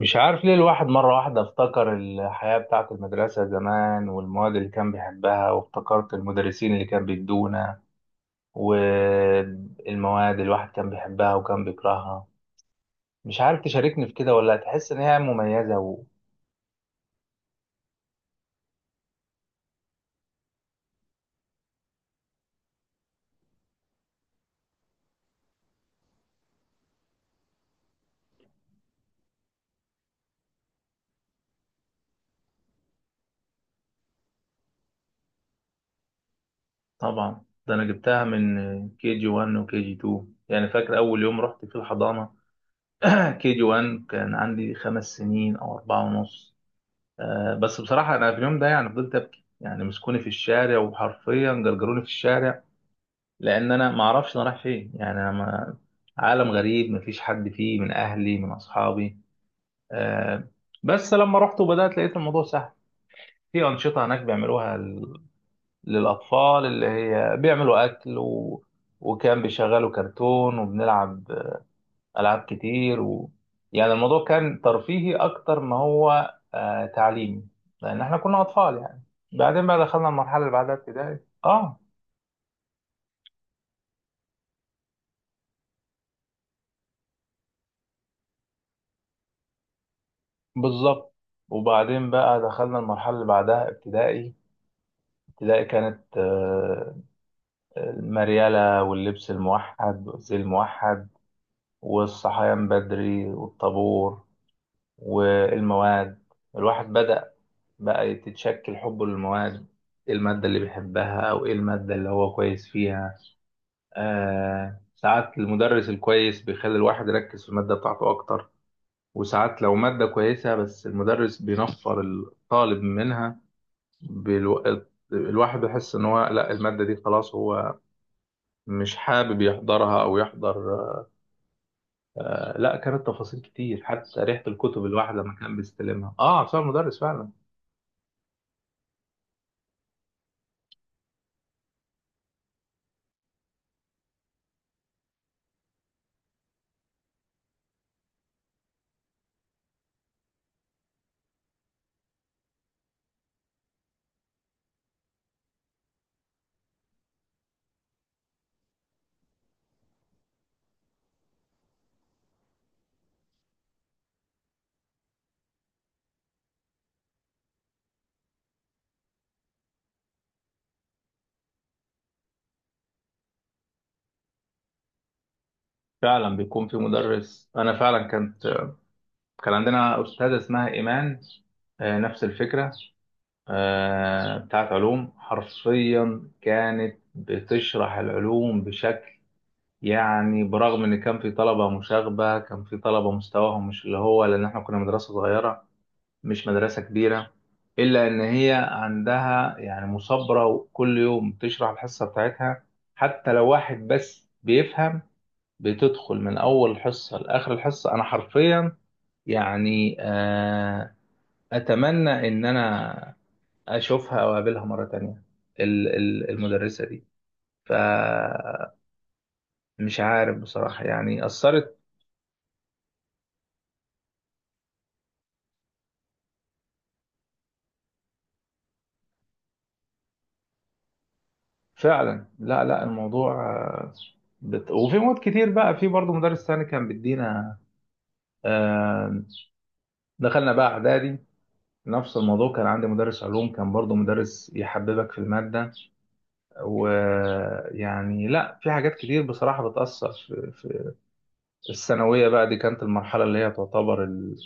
مش عارف ليه الواحد مرة واحدة افتكر الحياة بتاعة المدرسة زمان والمواد اللي كان بيحبها وافتكرت المدرسين اللي كان بيدونا والمواد اللي الواحد كان بيحبها وكان بيكرهها. مش عارف تشاركني في كده ولا تحس إن هي مميزة طبعا ده أنا جبتها من كي جي 1 وكي جي 2، يعني فاكر أول يوم رحت في الحضانة. كي جي 1 كان عندي 5 سنين أو 4 ونص. بس بصراحة أنا في اليوم ده يعني فضلت أبكي، يعني مسكوني في الشارع وحرفيا جرجروني في الشارع، لان انا ما اعرفش انا رايح فين، يعني انا ما عالم غريب، ما فيش حد فيه من اهلي من اصحابي. آه بس لما رحت وبدات لقيت الموضوع سهل. في انشطه هناك بيعملوها للاطفال، اللي هي بيعملوا اكل وكان بيشغلوا كرتون وبنلعب العاب كتير يعني الموضوع كان ترفيهي اكتر ما هو تعليمي، لان احنا كنا اطفال يعني. بعدين بقى دخلنا المرحله اللي بعدها ابتدائي. اه، بالظبط. وبعدين بقى دخلنا المرحلة اللي بعدها ابتدائي. ابتدائي كانت، المريالة واللبس الموحد والزي الموحد والصحيان بدري والطابور والمواد. الواحد بدأ بقى يتشكل حبه للمواد، ايه المادة اللي بيحبها او ايه المادة اللي هو كويس فيها. ساعات المدرس الكويس بيخلي الواحد يركز في المادة بتاعته أكتر، وساعات لو مادة كويسة بس المدرس بينفر الطالب منها. بالو... الواحد بيحس ان هو، لا، المادة دي خلاص هو مش حابب يحضرها او يحضر. لا، كانت تفاصيل كتير، حتى ريحة الكتب الواحد لما كان بيستلمها، بسبب المدرس فعلا. فعلا بيكون في مدرس، انا فعلا كانت، كان عندنا استاذة اسمها ايمان. نفس الفكرة. بتاعت علوم، حرفيا كانت بتشرح العلوم بشكل، يعني برغم ان كان في طلبة مشاغبة، كان في طلبة مستواهم مش اللي هو، لان احنا كنا مدرسة صغيرة، مش مدرسة كبيرة، إلا إن هي عندها يعني مثابرة، وكل يوم بتشرح الحصة بتاعتها حتى لو واحد بس بيفهم. بتدخل من أول حصة لآخر الحصة، أنا حرفيا يعني أتمنى إن أنا أشوفها أو أقابلها مرة تانية. المدرسة دي، فمش عارف بصراحة، يعني أثرت فعلا. لا، لا، الموضوع آه، وفي مواد كتير بقى، في برضه مدرس تاني كان بيدينا. آه، دخلنا بقى اعدادي، نفس الموضوع، كان عندي مدرس علوم كان برضو مدرس يحببك في المادة. ويعني لا، في حاجات كتير بصراحة بتأثر في الثانوية بقى. دي كانت المرحلة اللي هي تعتبر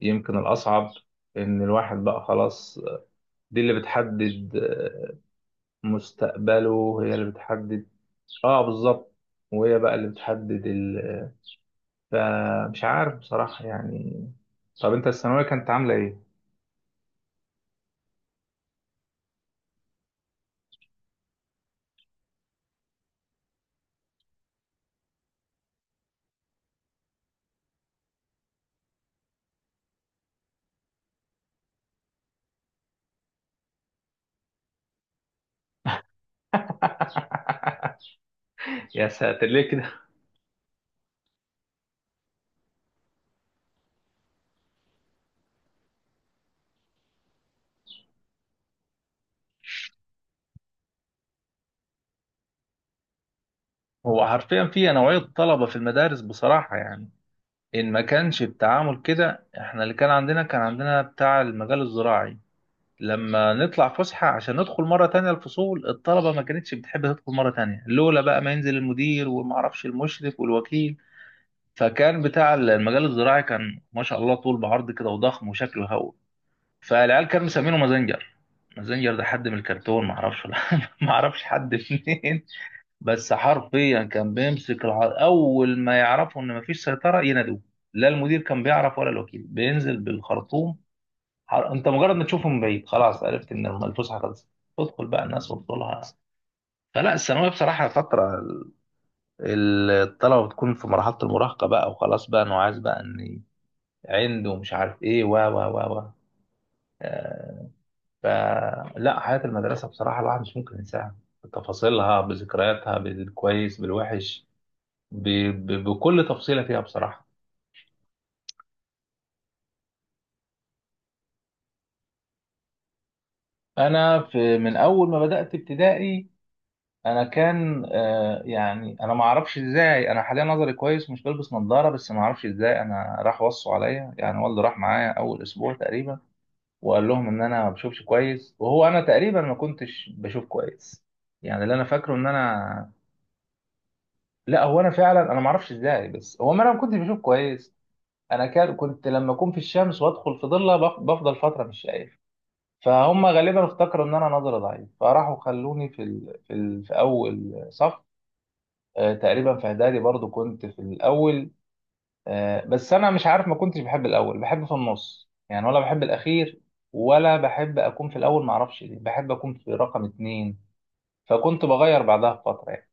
يمكن الأصعب، إن الواحد بقى خلاص، دي اللي بتحدد مستقبله، هي اللي بتحدد. اه، بالظبط. وهي بقى اللي بتحدد فمش عارف بصراحة يعني. طب انت الثانوية كانت عاملة ايه؟ يا ساتر، ليه كده. هو حرفيا في نوعية طلبة في المدارس بصراحة يعني، إن ما كانش التعامل كده. إحنا اللي كان عندنا بتاع المجال الزراعي، لما نطلع فسحة عشان ندخل مرة تانية الفصول، الطلبة ما كانتش بتحب تدخل مرة تانية لولا بقى ما ينزل المدير ومعرفش المشرف والوكيل. فكان بتاع المجال الزراعي، كان ما شاء الله طول بعرض كده وضخم وشكله هو، فالعيال كانوا مسمينه مازنجر. مازنجر ده حد من الكرتون، معرفش معرفش حد منين. بس حرفيا كان بيمسك اول ما يعرفوا ان مفيش سيطره ينادوه. لا المدير كان بيعرف ولا الوكيل، بينزل بالخرطوم. انت مجرد ما تشوفه من بعيد خلاص عرفت ان الفسحه خلصت، تدخل بقى الناس وتطلها. فلا، الثانويه بصراحه فتره، الطلبه بتكون في مرحله المراهقه بقى، وخلاص بقى انه عايز بقى، ان عنده مش عارف ايه و و و و آه، فلا حياه المدرسه بصراحه الواحد مش ممكن ينساها، بتفاصيلها، بذكرياتها، بالكويس بالوحش، ب... بكل تفصيلة فيها بصراحة. أنا في من أول ما بدأت ابتدائي، أنا كان يعني أنا ما أعرفش إزاي. أنا حاليا نظري كويس، مش بلبس نظارة، بس ما أعرفش إزاي. أنا راح وصوا عليا، يعني والدي راح معايا أول أسبوع تقريبا وقال لهم إن أنا ما بشوفش كويس، وهو أنا تقريبا ما كنتش بشوف كويس. يعني اللي أنا فاكره إن أنا، لا، هو أنا فعلا، أنا ما أعرفش إزاي، بس هو، ما أنا ما كنتش بشوف كويس. أنا كنت لما أكون في الشمس وأدخل في ضلة بفضل فترة مش شايف. فهم غالبا افتكروا ان انا نظري ضعيف، فراحوا خلوني في اول صف. تقريبا في اعدادي برضو كنت في الاول. بس انا مش عارف، ما كنتش بحب الاول، بحب في النص يعني، ولا بحب الاخير، ولا بحب اكون في الاول. ما اعرفش ليه بحب اكون في رقم اتنين، فكنت بغير بعدها بفتره يعني.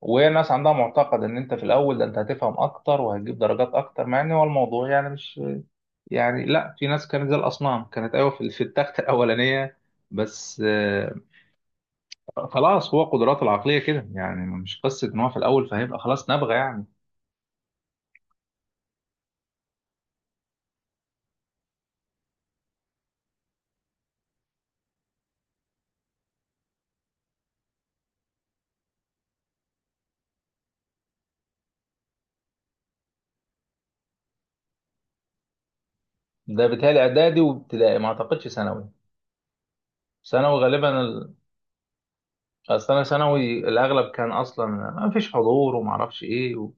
وهي الناس عندها معتقد ان انت في الاول، ده انت هتفهم اكتر وهتجيب درجات اكتر، مع ان هو الموضوع يعني مش، يعني لا، في ناس كانت زي الاصنام، كانت ايوه في التخت الاولانيه. بس خلاص، هو قدراته العقلية كده، يعني مش قصة ان هو في الاول فهيبقى خلاص نابغة يعني. ده بيتهيألي اعدادي وابتدائي، ما اعتقدش ثانوي. ثانوي غالبا اصل انا ثانوي، الاغلب كان اصلا ما فيش حضور، وما اعرفش ايه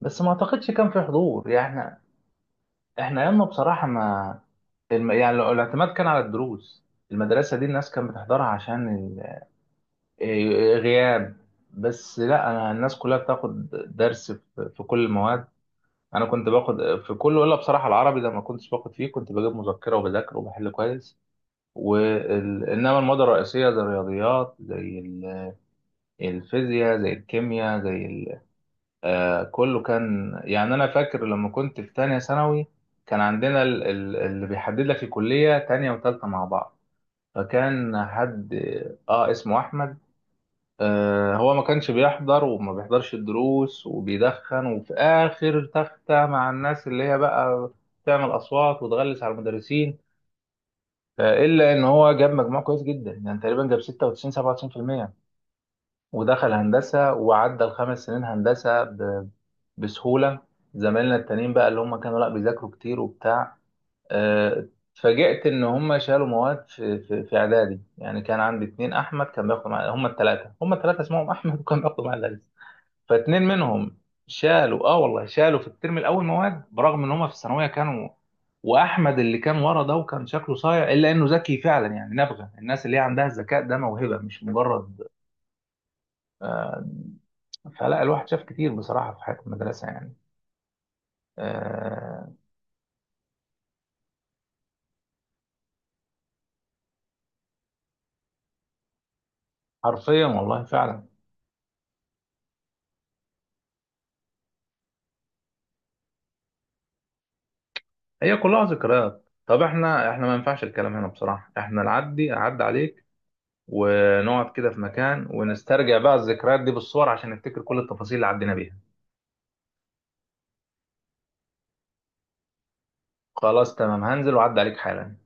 بس ما اعتقدش كان في حضور، يعني احنا، ايامنا بصراحة ما. الاعتماد كان على الدروس. المدرسة دي الناس كانت بتحضرها عشان إيه- غياب. بس لا، انا الناس كلها بتاخد درس في في كل المواد. انا كنت باخد في كله الا بصراحه العربي، ده ما كنتش باخد فيه، كنت بجيب مذكره وبذاكر وبحل كويس. انما الماده الرئيسيه زي الرياضيات الفيزياء زي الكيمياء كله كان يعني. انا فاكر لما كنت في تانية ثانوي كان عندنا اللي بيحدد لك الكليه، تانية وتالتة مع بعض. فكان حد اه اسمه احمد. هو ما كانش بيحضر وما بيحضرش الدروس، وبيدخن وفي آخر تختة مع الناس اللي هي بقى تعمل أصوات وتغلس على المدرسين. إلا إن هو جاب مجموع كويس جدا، يعني تقريبا جاب 96 97%، ودخل هندسة وعدى الخمس سنين هندسة بسهولة. زمايلنا التانيين بقى اللي هم كانوا لا بيذاكروا كتير وبتاع، آه، اتفاجئت إن هم شالوا مواد في إعدادي، يعني كان عندي اتنين أحمد كان بياخدوا معايا، هم التلاتة اسمهم أحمد وكان بياخدوا معايا. فاتنين منهم شالوا، اه والله، شالوا في الترم الاول مواد، برغم ان هم في الثانويه كانوا. واحمد اللي كان ورا ده وكان شكله صايع الا انه ذكي فعلا، يعني نبغه. الناس اللي هي عندها الذكاء ده موهبه، مش مجرد. فلا الواحد شاف كتير بصراحه في حياه المدرسه يعني. آه حرفيا، والله، فعلا. هي كلها ذكريات. طب احنا، ما ينفعش الكلام هنا بصراحه، احنا اعدي عليك، ونقعد كده في مكان، ونسترجع بقى الذكريات دي بالصور عشان نفتكر كل التفاصيل اللي عدينا بيها. خلاص تمام، هنزل وعدي عليك حالا.